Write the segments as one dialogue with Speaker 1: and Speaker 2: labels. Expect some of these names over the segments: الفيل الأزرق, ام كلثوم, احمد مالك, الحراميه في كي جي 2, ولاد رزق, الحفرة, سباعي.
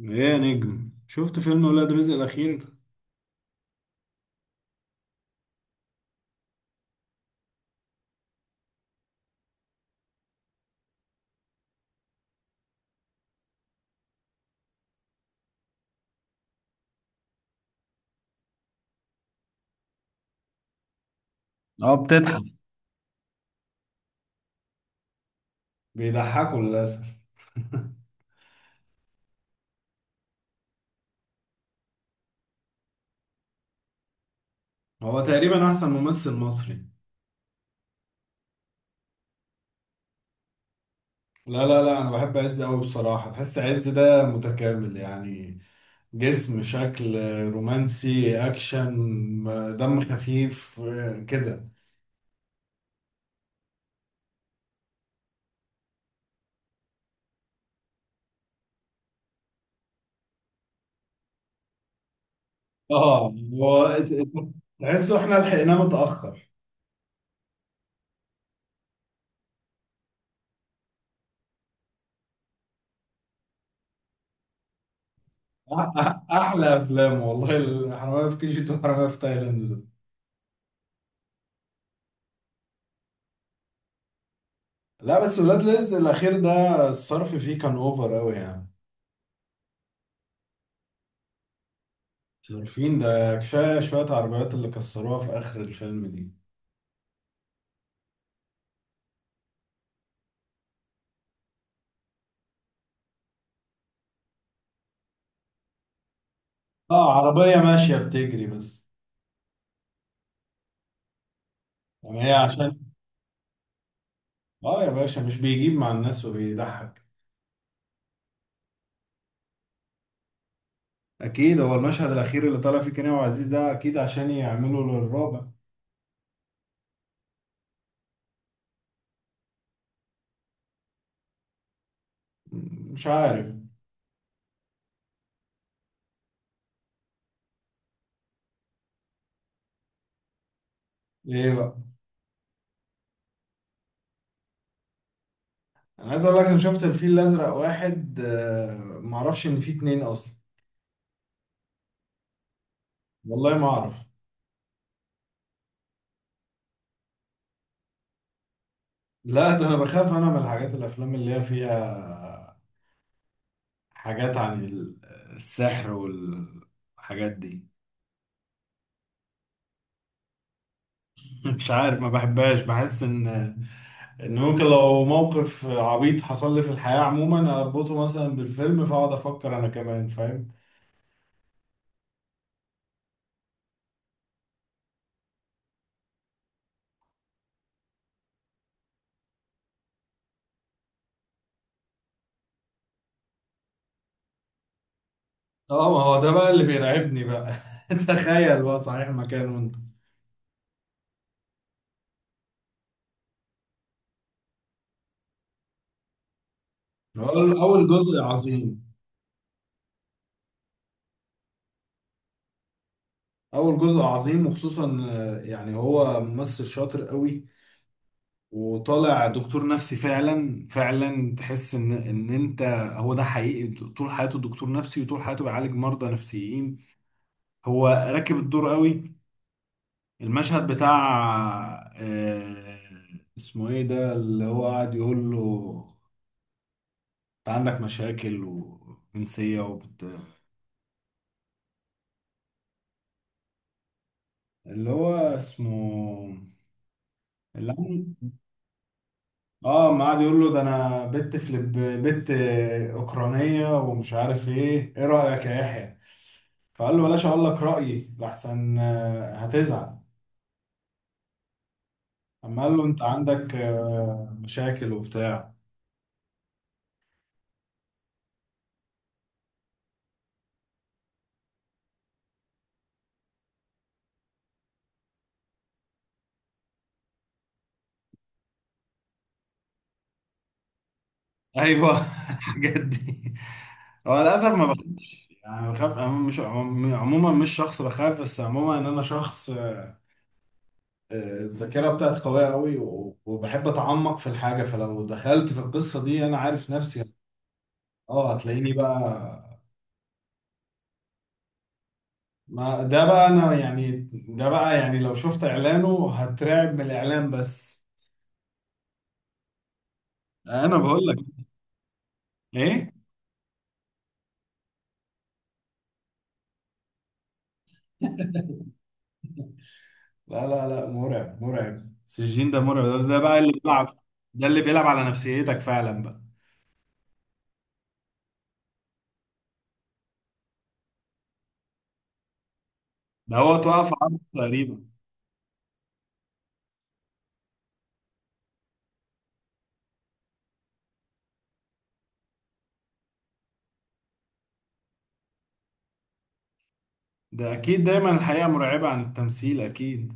Speaker 1: ايه يا نجم، شفت فيلم ولاد رزق الاخير؟ اه، بتضحك. بيضحكوا للاسف. هو تقريبا احسن ممثل مصري. لا، لا، لا، انا بحب عز قوي بصراحه. تحس عز ده متكامل يعني. جسم، شكل، رومانسي، اكشن، دم خفيف، كده. اه، هو تحسه احنا لحقناه متاخر. أح- احلى افلام والله، الحراميه في كي جي 2 وحراميه في تايلاند ده. لا، بس ولاد رزق الاخير ده الصرف فيه كان اوفر قوي يعني. صارفين. ده كفاية شوية عربيات اللي كسروها في آخر الفيلم دي. اه، عربية ماشية بتجري بس. يعني هي عشان. اه يا باشا، مش بيجيب مع الناس وبيضحك. أكيد. هو المشهد الأخير اللي طلع فيه كريم وعزيز ده أكيد عشان يعملوا للرابع. مش عارف. إيه بقى؟ أنا عايز أقول لك، أنا شفت الفيل الأزرق واحد. معرفش إن فيه اتنين أصلا. والله ما أعرف. لا، ده أنا بخاف أنا من الحاجات، الأفلام اللي هي فيها حاجات عن السحر والحاجات دي. مش عارف، ما بحبهاش، بحس ان ممكن لو موقف عبيط حصل لي في الحياة عموما، اربطه مثلا بالفيلم، فاقعد افكر. انا كمان فاهم. اه، ما هو ده بقى اللي بيرعبني بقى. تخيل بقى، صحيح مكانه انت. اول جزء عظيم. اول جزء عظيم، وخصوصا يعني هو ممثل شاطر قوي. وطالع دكتور نفسي فعلا فعلا، تحس ان انت هو ده حقيقي طول حياته دكتور نفسي، وطول حياته بيعالج مرضى نفسيين. هو راكب الدور قوي. المشهد بتاع آه، اسمه ايه ده اللي هو قاعد يقول له؟ انت عندك مشاكل وجنسية وبت... اللي هو اسمه... اللي عم... اه، ما قاعد يقول له: ده انا بنت فلب بنت اوكرانية، ومش عارف ايه. ايه رأيك يا يحيى؟ فقال له بلاش اقول لك رأيي لحسن هتزعل. اما قال له انت عندك مشاكل وبتاع. ايوه، الحاجات دي. هو للاسف ما بخافش، يعني بخاف. أنا مش عموما عموماً مش شخص بخاف، بس عموما ان انا شخص. الذاكره بتاعتي قويه قوي، وبحب اتعمق في الحاجه. فلو دخلت في القصه دي، انا عارف نفسي. اه، هتلاقيني بقى. ما ده بقى انا، يعني ده بقى، يعني لو شفت اعلانه هترعب من الاعلان بس. انا بقول لك ايه؟ لا، لا، لا، مرعب مرعب، السجين ده مرعب، ده بقى اللي بيلعب. ده اللي بيلعب على نفسيتك فعلا بقى. ده هو توقف عرض تقريبا. ده اكيد، دايما الحقيقة مرعبة عن التمثيل اكيد.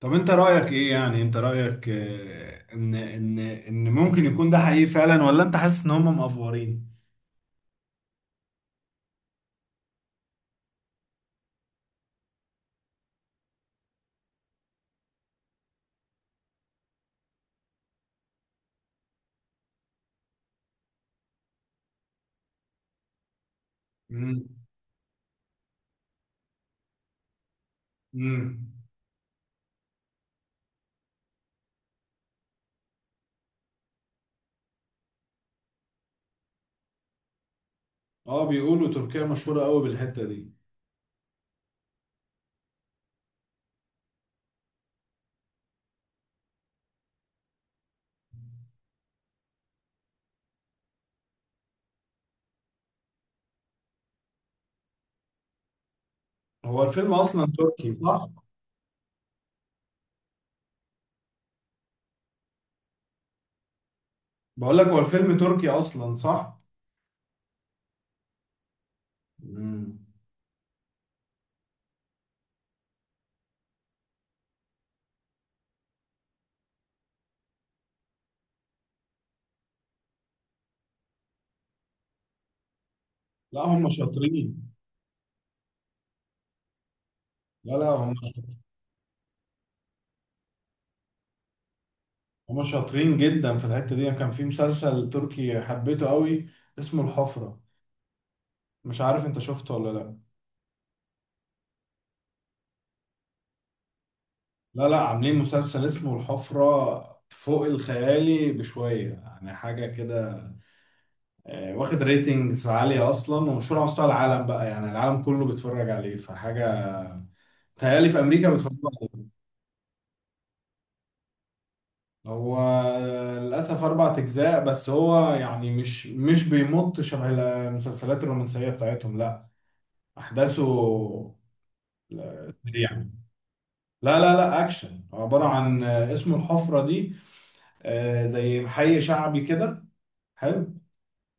Speaker 1: طب، انت رأيك ايه، يعني انت رأيك ان ممكن يكون ده حقيقي فعلا، ولا انت حاسس ان هم مأفورين؟ امم. امم. اه، بيقولوا تركيا مشهورة قوي بالحتة دي. هو الفيلم اصلا تركي، صح؟ بقول لك، هو الفيلم تركي اصلا، صح؟ امم. لا، هم شاطرين. لا، لا، هم هم شاطرين جدا في الحتة دي. كان في مسلسل تركي حبيته قوي، اسمه الحفرة. مش عارف انت شفته ولا لا؟ لا، لا، عاملين مسلسل اسمه الحفرة فوق الخيالي بشوية، يعني حاجة كده. واخد ريتنجز عالية أصلا، ومشهور على مستوى العالم بقى، يعني العالم كله بيتفرج عليه فحاجة. تهيألي في أمريكا بيتفرجوا عليه. هو للأسف أربع أجزاء، بس هو يعني مش بيمط شبه المسلسلات الرومانسية بتاعتهم، لا. أحداثه سريعة. لا، لا، لا، أكشن، عبارة عن اسمه الحفرة دي. آه، زي محي شعبي كده. حلو.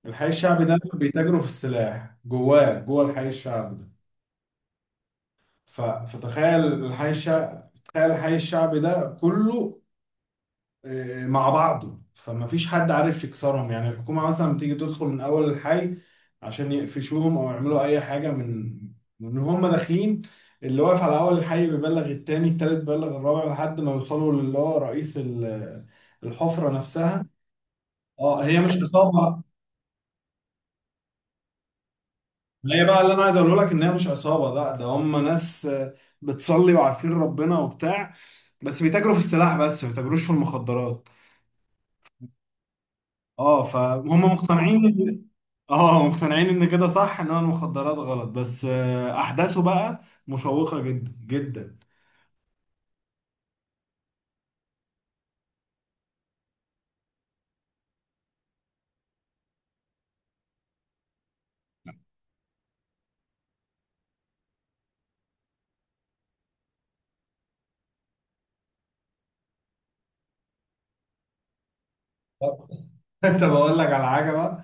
Speaker 1: الحي الشعبي ده بيتاجروا في السلاح جواه، جوه الحي الشعبي ده. فتخيل الحي الشعبي. تخيل الحي الشعبي ده كله مع بعضه، فما فيش حد عارف يكسرهم، يعني الحكومة مثلا بتيجي تدخل من أول الحي عشان يقفشوهم أو يعملوا أي حاجة، من هم داخلين. اللي واقف على أول الحي بيبلغ التاني، التالت بيبلغ الرابع، لحد ما يوصلوا للي هو رئيس الحفرة نفسها. اه، هي مش عصابة. ما هي بقى اللي انا عايز اقوله لك، ان هي مش عصابه، لا، ده هم ناس بتصلي وعارفين ربنا وبتاع. بس بيتاجروا في السلاح بس، ما بيتاجروش في المخدرات. اه، فهم مقتنعين ان اه، مقتنعين ان كده صح، ان المخدرات غلط، بس احداثه بقى مشوقه جدا جدا. طب، طب اقول لك على حاجه بقى.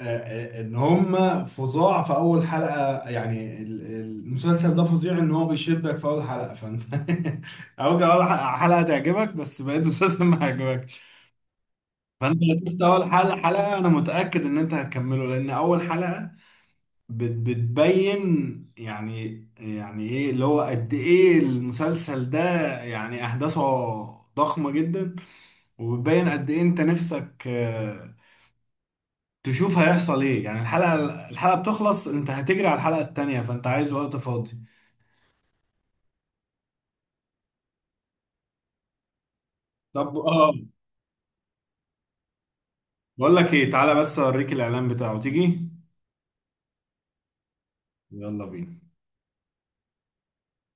Speaker 1: آه، ان هم فظاع في اول حلقه، يعني المسلسل ده فظيع، ان هو بيشدك في اول حلقه فانت اول كان اول حلقه تعجبك، بس بقيت المسلسل ما يعجبك. فانت لو شفت اول حلقه، انا متاكد ان انت هتكمله، لان اول حلقه بتبين يعني ايه اللي هو قد ايه المسلسل ده، يعني احداثه ضخمه جدا. وبتبين قد ايه انت نفسك تشوف هيحصل ايه، يعني الحلقه بتخلص، انت هتجري على الحلقه التانية. فانت عايز وقت فاضي. طب، اه، بقول لك ايه، تعالى بس اوريك الاعلان بتاعه، تيجي. يلا بينا.